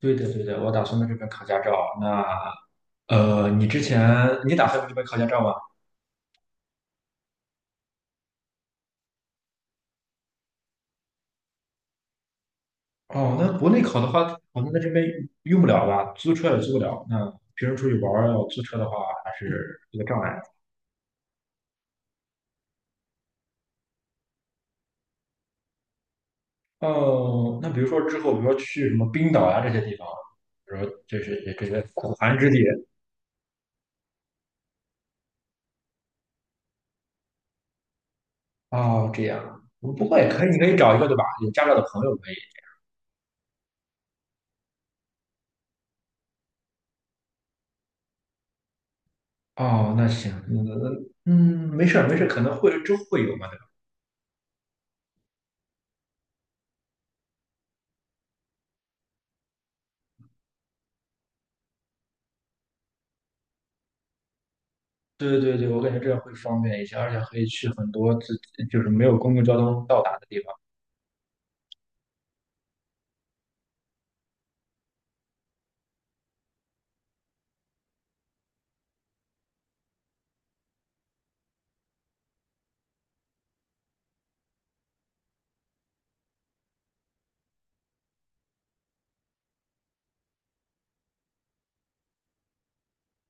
对的，对的，我打算在这边考驾照。那你之前你打算在这边考驾照吗？哦，那国内考的话，好像在这边用不了吧？租车也租不了。那平时出去玩儿要租车的话，还是一个障碍。哦，那比如说之后，比如说去什么冰岛呀、这些地方，比如说这是也这些苦寒之地。哦，这样。不过也可以，你可以找一个对吧？有驾照的朋友可以。哦，那行，嗯，没事儿没事儿，可能会之后会有嘛。对对对，我感觉这样会方便一些，而且可以去很多自己就是没有公共交通到达的地方，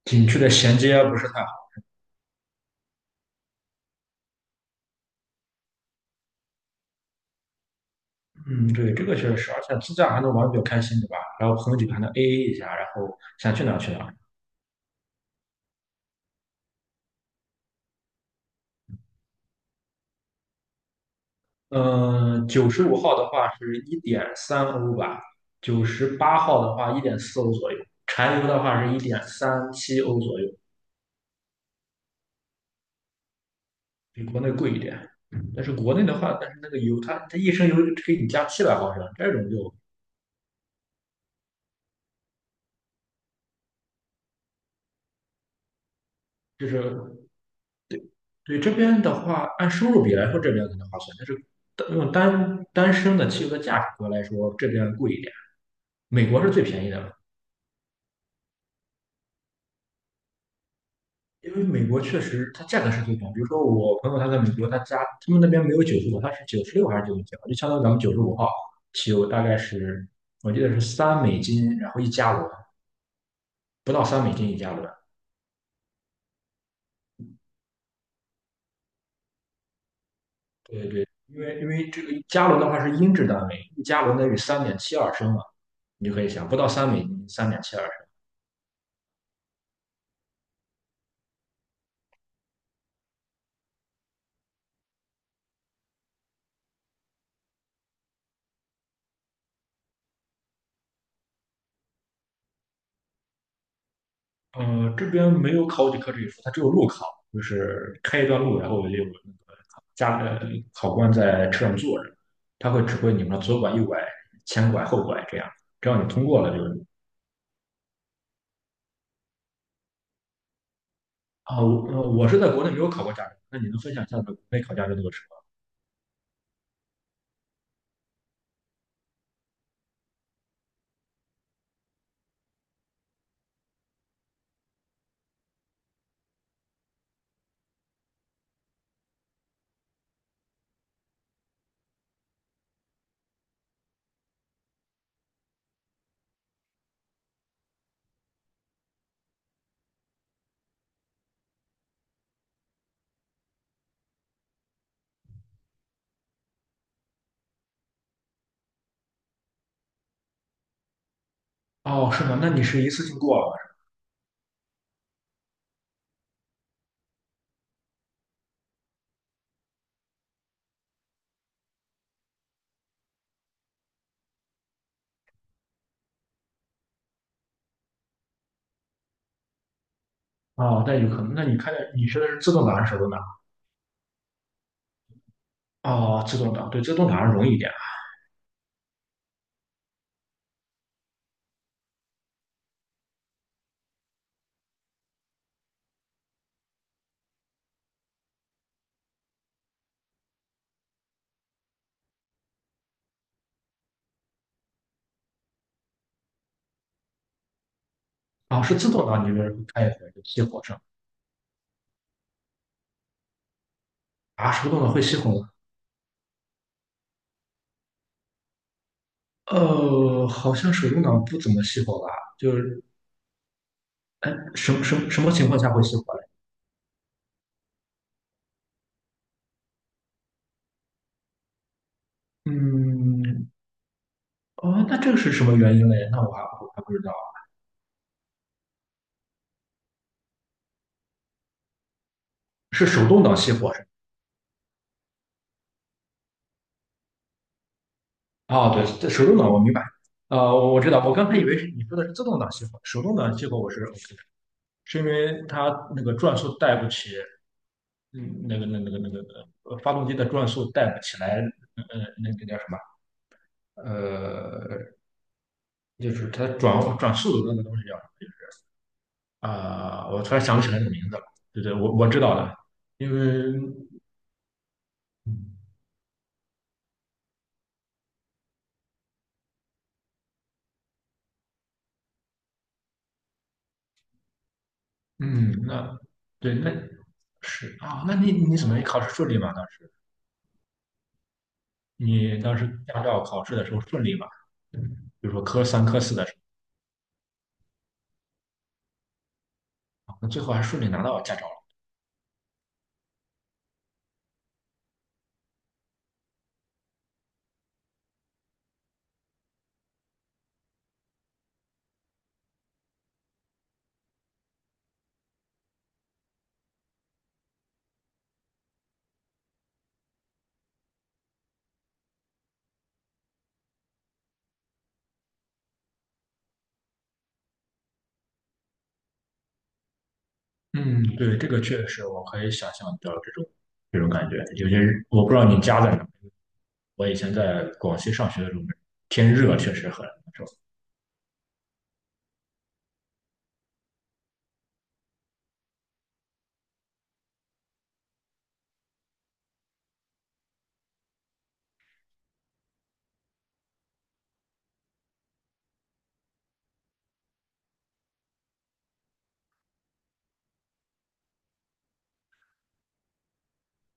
景区的衔接啊不是太好。嗯，对，这个确实是，而且自驾还能玩得比较开心，对吧？然后朋友几个还能 AA 一下，然后想去哪儿去哪儿。嗯，九十五号的话是1.3欧吧，98号的话1.4欧左右，柴油的话是1.37欧左右，比国内贵一点。嗯，但是国内的话，但是那个油它一升油就给你加700毫升，这种就就是对这边的话，按收入比来说，这边可能划算，但是单用单单升的汽油的价格来说，这边贵一点。美国是最便宜的嘛，因为美国确实它价格是最便宜。比如说我朋友他在美国，他家他们那边没有九十五，他是96还是99，就相当于咱们九十五号汽油大概是我记得是三美金，然后一加仑，不到三美金一加仑。对对，因为这个加仑的话是英制单位，一加仑等于3.72升嘛，你就可以想，不到三美金，三点七二。这边没有考几科这一说，它只有路考，就是开一段路，然后有那个加呃考官在车上坐着，他会指挥你们左拐、右拐、前拐、后拐这样，只要你通过了就是。啊，我是在国内没有考过驾照，那你能分享一下国内考驾照的个程吗？哦，是吗？那你是一次性过了是吧？哦，那有可能。那你学的是自动挡还是手动挡？哦，自动挡，对，自动挡容易一点。哦，是自动挡，你就是开一会就熄火上？啊，手动挡会熄火，吗？好像手动挡不怎么熄火吧？就是什么情况下会熄火嘞？嗯，哦，那这个是什么原因嘞？那我还不知道，是手动挡熄火是吗？哦，对，这手动挡我明白。我知道，我刚才以为是你说的是自动挡熄火，手动挡熄火我是 OK 的，是因为它那个转速带不起。嗯，那个发动机的转速带不起来。那个叫什么？呃，就是它转速的那个东西。叫。啊，我突然想不起来你的名字了。对对，我知道了，因为嗯，那对那是啊。那你你怎么你考试顺利吗？你当时驾照考试的时候顺利吗？嗯，比如说科三、科四的时候，那最后还顺利拿到驾照了。嗯，对，这个确实我可以想象到这种感觉。有些，是我不知道你家在哪，我以前在广西上学的时候，天热确实很难受。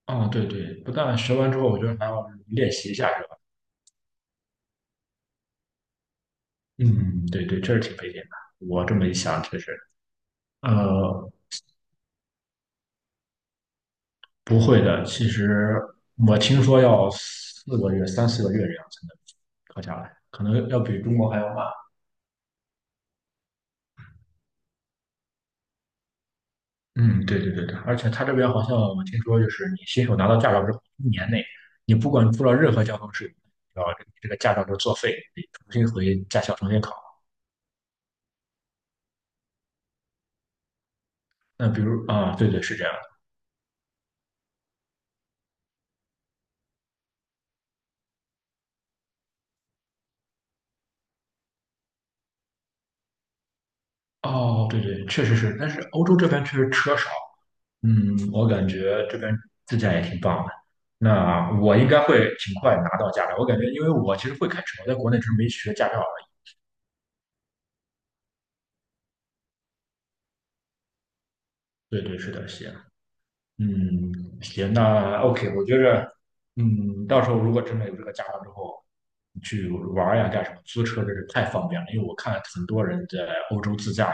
哦，对对，不但学完之后，我觉得还要练习一下。嗯，对对，这是挺费劲的。我这么一想，确实，呃，不会的。其实我听说要四个月、3、4个月这样才能考下来，可能要比中国还要慢。嗯，对对对对，而且他这边好像我听说，就是你新手拿到驾照之后，1年内你不管出了任何交通事故，然后这个驾照就作废，得重新回驾校重新考。那比如啊，对对是这样的。哦，对对，确实是，但是欧洲这边确实车少。嗯，我感觉这边自驾也挺棒的。那我应该会挺快拿到驾照。我感觉，因为我其实会开车，我在国内只是没学驾照而已。对对，是的，行。嗯，行，那 OK，我觉着，嗯，到时候如果真的有这个驾照之后，去玩儿呀干什么，租车真是太方便了。因为我看很多人在欧洲自驾呀。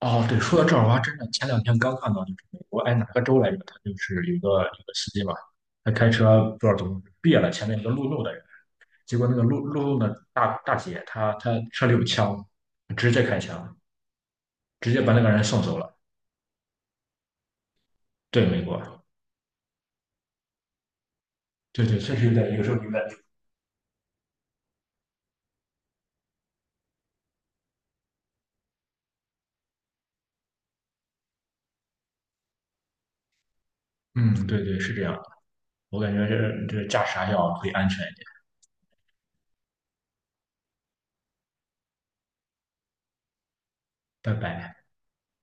哦，对，说到这儿，我还真的前两天刚看到，就是美国，哎，哪个州来着，他就是有个司机嘛，他开车不知道怎么别了前面一个路怒的人。结果那个路的大姐，她车里有枪，直接开枪，直接把那个人送走了。对，美国，对对，确实有点，有时候有点。嗯，对对，是这样。我感觉这驾驶还要注意安全一点。拜拜。